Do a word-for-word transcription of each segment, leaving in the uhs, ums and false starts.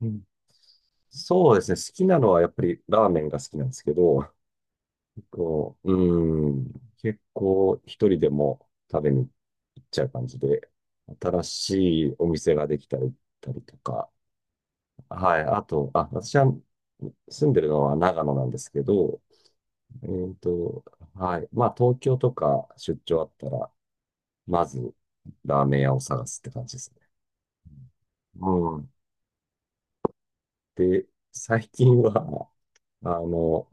うんそうですね。好きなのはやっぱりラーメンが好きなんですけど、こう、うん、結構一人でも食べに行っちゃう感じで、新しいお店ができたり、行ったりとか。はい。あと、あ、私は住んでるのは長野なんですけど、えーと、はい。まあ、東京とか出張あったら、まず、ラーメン屋を探すって感じですね。うん。で、最近は、あの、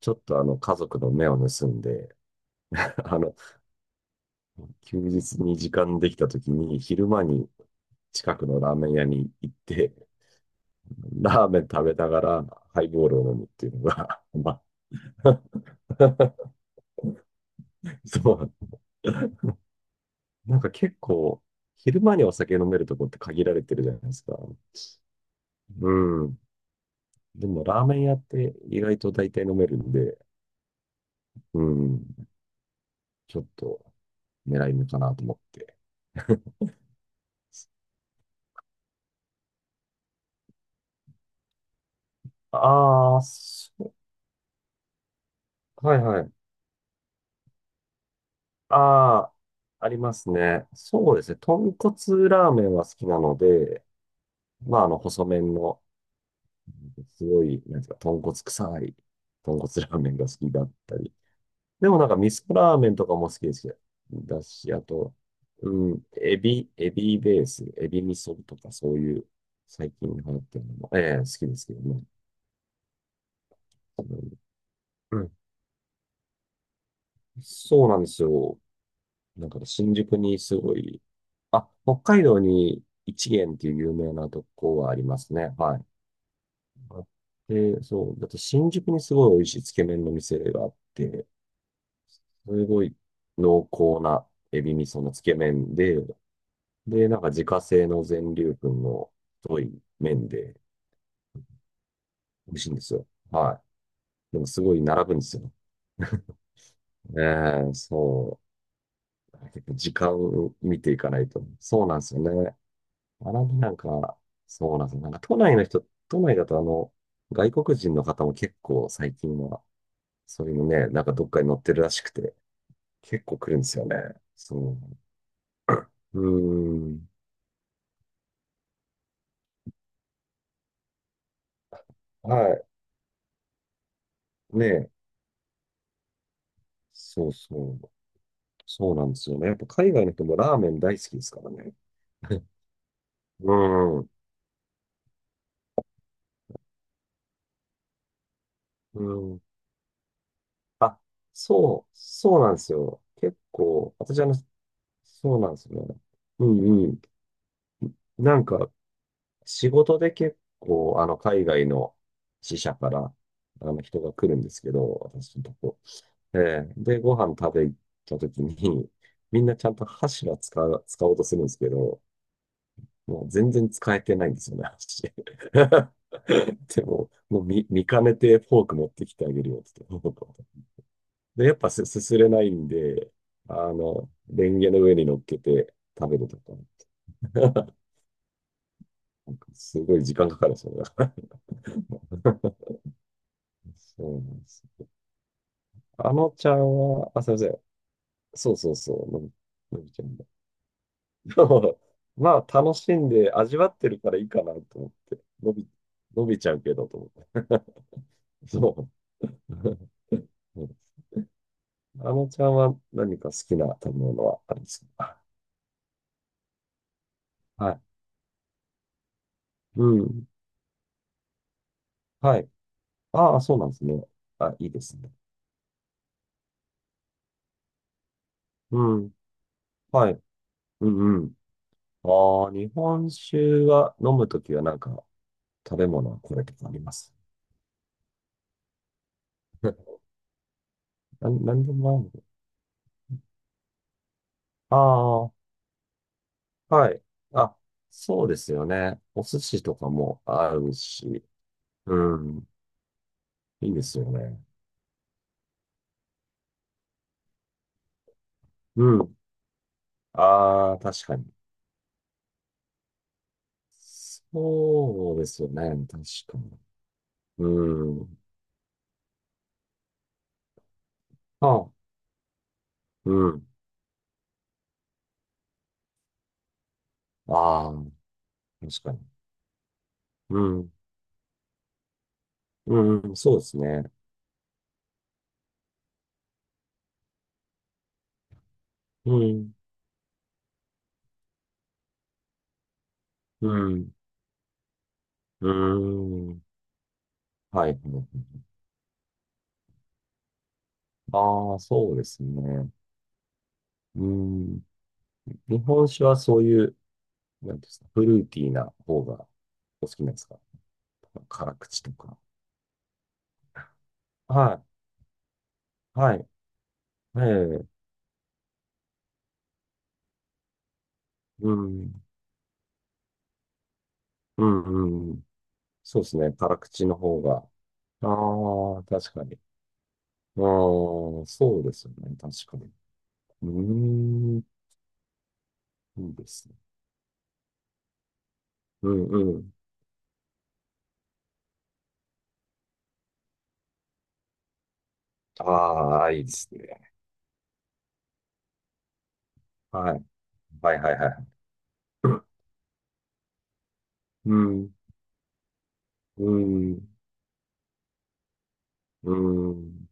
ちょっとあの、家族の目を盗んで、あの、休日に時間できた時に、昼間に近くのラーメン屋に行って、ラーメン食べながら、ハイボールを飲むっていうのが、まあ、そう。なんか結構、昼間にお酒飲めるとこって限られてるじゃないですか。うん。でも、ラーメン屋って意外と大体飲めるんで、うん、ちょっと狙い目かなと思って。ああ、そう、はいはい。ああ、ありますね。そうですね。豚骨ラーメンは好きなので、まあ、あの、細麺の、すごい、なんですか、豚骨臭い豚骨ラーメンが好きだったり、でもなんか味噌ラーメンとかも好きですよ。だし、あと、うん、エビ、エビベース、エビ味噌とかそういう最近流行ってるのも、ええ好きですけどね。うん。そうなんですよ。なんか新宿にすごい、あ、北海道に一元っていう有名なとこはありますね。はい。あで、そう、だって新宿にすごい美味しいつけ麺の店があって、すごい濃厚なエビ味噌のつけ麺で、で、なんか自家製の全粒粉の太い麺で美味しいんですよ。はい。でもすごい並ぶんですよ。ええ、そう。結構時間を見ていかないと。そうなんですよね。並びなんか、そうなんですよ。なんか都内の人、都内だとあの、外国人の方も結構最近は、そういうのね、なんかどっかに乗ってるらしくて、結構来るんですよね。そう。うーん。はい。ねえ。そうそう。そうなんですよね。やっぱ海外の人もラーメン大好きですからね。うん。うん。あ、そう、そうなんですよ。結構、私あの、そうなんですよね。うんうん。なんか、仕事で結構、あの、海外の支社から、あの、人が来るんですけど、私のとこ。ええで、ご飯食べ行った時に、みんなちゃんと箸は使う、使おうとするんですけど、もう全然使えてないんですよね、箸。でも、もう見、見かねてフォーク持ってきてあげるよって言って。で、やっぱすすすれないんで、あの、レンゲの上に乗っけて食べるとか、すごい時間かかるんですよね。そうなんです。あのちゃんは、あ、すいません。そうそうそう、のび、のびちゃんだ。でもまあ、楽しんで味わってるからいいかなと思って、のび、のびちゃうけどと思って。そう。そうです。あのちゃんは何か好きな食べ物はあるんですか？はい。うん。はい。ああ、そうなんですね。あ、いいですね。うん。はい。うんうん。ああ、日本酒は飲むときはなんか食べ物はこれとかあります？な、なんでも合う。ああ、はい。あ、そうですよね。お寿司とかも合うし。うん。いいですよね。うん。ああ、確かに。そうですよね。確かに。うん。あ、うん。ああ、確かに。うん。うん、そうですね。うん。うん。うん。はい。はいはい。ああ、そうですね。うん。日本酒はそういう、なんていうんですか、フルーティーな方がお好きなんですか？辛口とか。はい。はい。ええ。うん。うん。うん。そうですね。辛口の方が。ああ、確かに。ああ、そうですよね。確かに。うーん。いいですね。うんうん。ああ、いいですね。はい。はいはいはい。うん。うん。うん。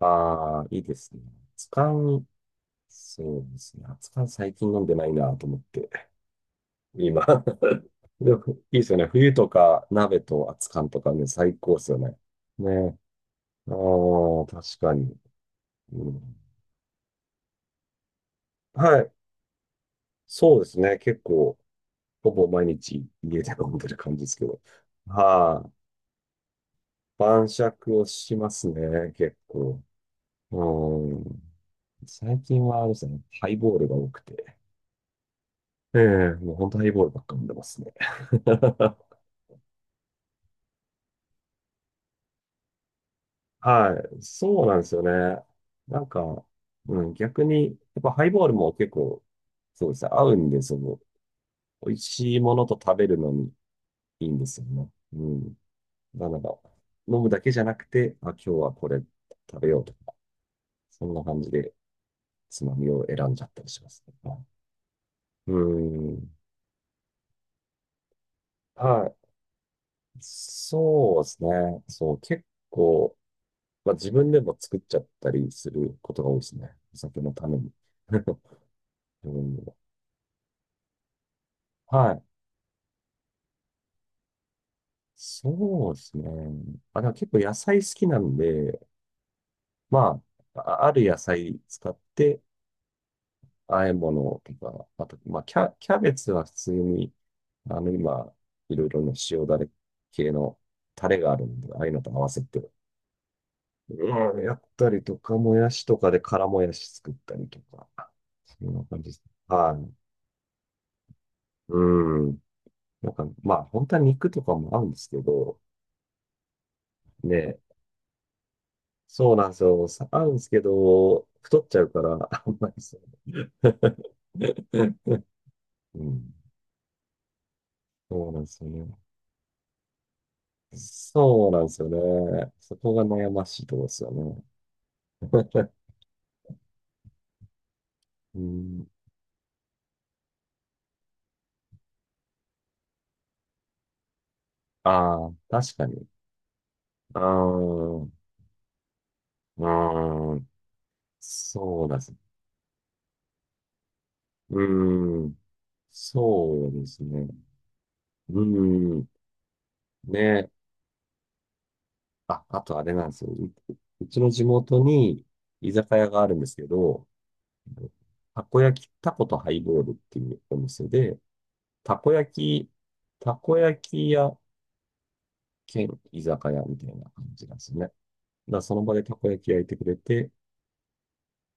ああ、いいですね。熱燗、そうですね。熱燗最近飲んでないなと思って、今。でも、いいですよね。冬とか鍋と熱燗とかね、最高ですよね。ね。ああ、確かに、うん。はい。そうですね。結構、ほぼ毎日家で飲んでる感じですけど。はい、晩酌をしますね。結構。うん。最近はあれですね。ハイボールが多くて。ええもう本当ハイボールばっか飲んでますね。はい。そうなんですよね。なんか、うん、逆に、やっぱハイボールも結構、そうですね、合うんで、その、美味しいものと食べるのにいいんですよね。うん。なので、飲むだけじゃなくて、あ、今日はこれ食べようとか、そんな感じでつまみを選んじゃったりしますね。はい。うん。はい。そうですね。そう、結構、まあ、自分でも作っちゃったりすることが多いですね。お酒のために。うん。はい。そうですね。あ、でも結構野菜好きなんで、まあ、あある野菜使って和え物とか、あと、まあ、キャ、キャベツは普通に、あの、今、いろいろね、塩だれ系のタレがあるんで、ああいうのと合わせて、うん、やったりとか、もやしとかで辛もやし作ったりとか、そんな感じです。はい。うん。なんか、まあ、本当は肉とかも合うんですけど、ね。そうなんですよ。下がるんですけど、太っちゃうから、あんまりそう。うん。そうなんですよね。そうなんですよね。そこが悩ましいところですよね。うん。ああ、確かに。ああ、うーん。そうなんです。うーん。そうですね。うーん。ね。あ、あとあれなんですよ。ううちの地元に居酒屋があるんですけど、たこ焼き、たことハイボールっていうお店で、たこ焼き、たこ焼き屋兼居酒屋みたいな感じなんですよね。だからその場でたこ焼き焼いてくれて、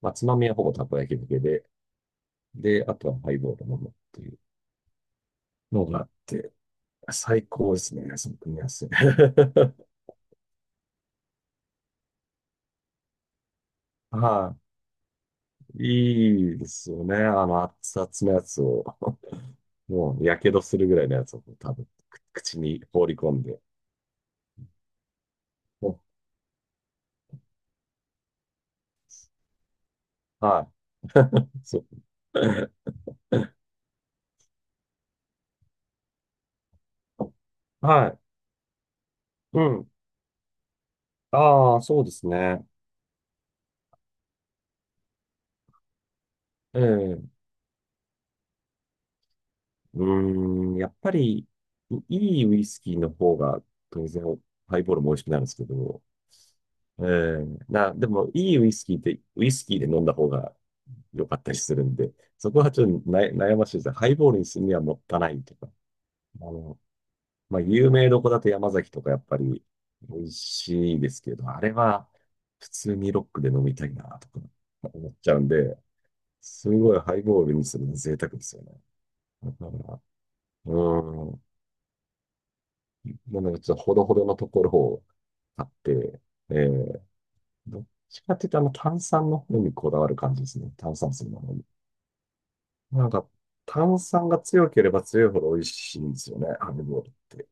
まあ、つまみはほぼたこ焼きだけで、で、あとはハイボール飲むっていうのがあって、最高ですね、その組み合わせ。はい、いいですよね。あの、熱々のやつを、もう、やけどするぐらいのやつを多分、く口に放り込んで。もうはい、そう。はい、うん。ああ、そうですね。ええうーん、やっぱり、いいウイスキーの方が、当然、ハイボールも美味しくなるんですけど、えー、な、でも、いいウイスキーって、ウイスキーで飲んだ方が良かったりするんで、そこはちょっとな悩ましいですね。ハイボールにするにはもったいないとか、あの、まあ、有名どこだと山崎とかやっぱり美味しいですけど、あれは普通にロックで飲みたいなとか思っちゃうんで、すごいハイボールにするのは贅沢ですよね。だから、うん。もので、ちょっとほどほどのところを買って、えー、どっちかっていうと、あの、炭酸の方にこだわる感じですね。炭酸水の方に。なんか、炭酸が強ければ強いほど美味しいんですよね、ハネボールって。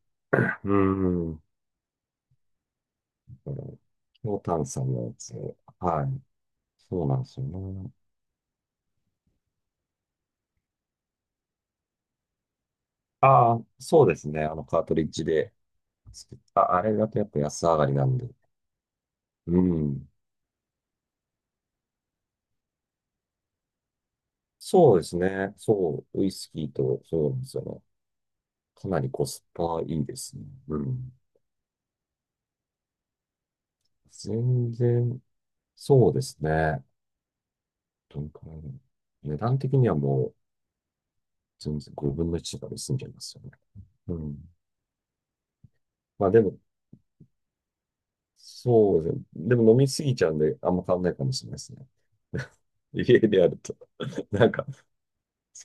うん。だから強炭酸のやつを。はい。そうなんですよね。ああ、そうですね。あの、カートリッジで作った。あれだとやっぱ安上がりなんで。うん。そうですね。そう、ウイスキーと、そうなんですよね。かなりコスパいいですね。うん。全然、そうですね。どんくらいだろう値段的にはもう、全然ごぶんのいちとかで済んじゃいますよね。うん。まあでも、そうですね。でも飲みすぎちゃうんで、あんま変わんないかもしれないですね。家でやると、なんか、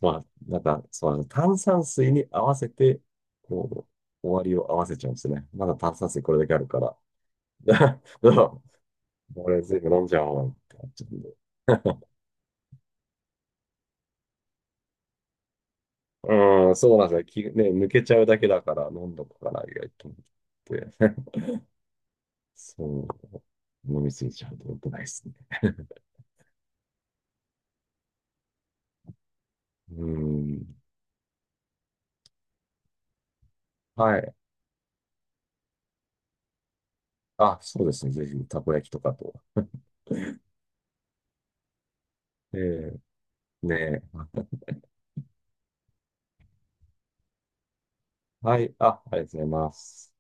まあ、なんか、そう、炭酸水に合わせて、こう、終わりを合わせちゃうんですね。まだ炭酸水これだけあるから。だから、俺全部飲んじゃおうってなっちゃうんで。うん、そうなんですよ。きね、抜けちゃうだけだから飲んどくかな意外と思って。そう。飲みすぎちゃうと良くないですね。うん。はい。あ、そうですね。ぜひ、たこ焼きとかと。ええねえ。はい。あ、ありがとうございます。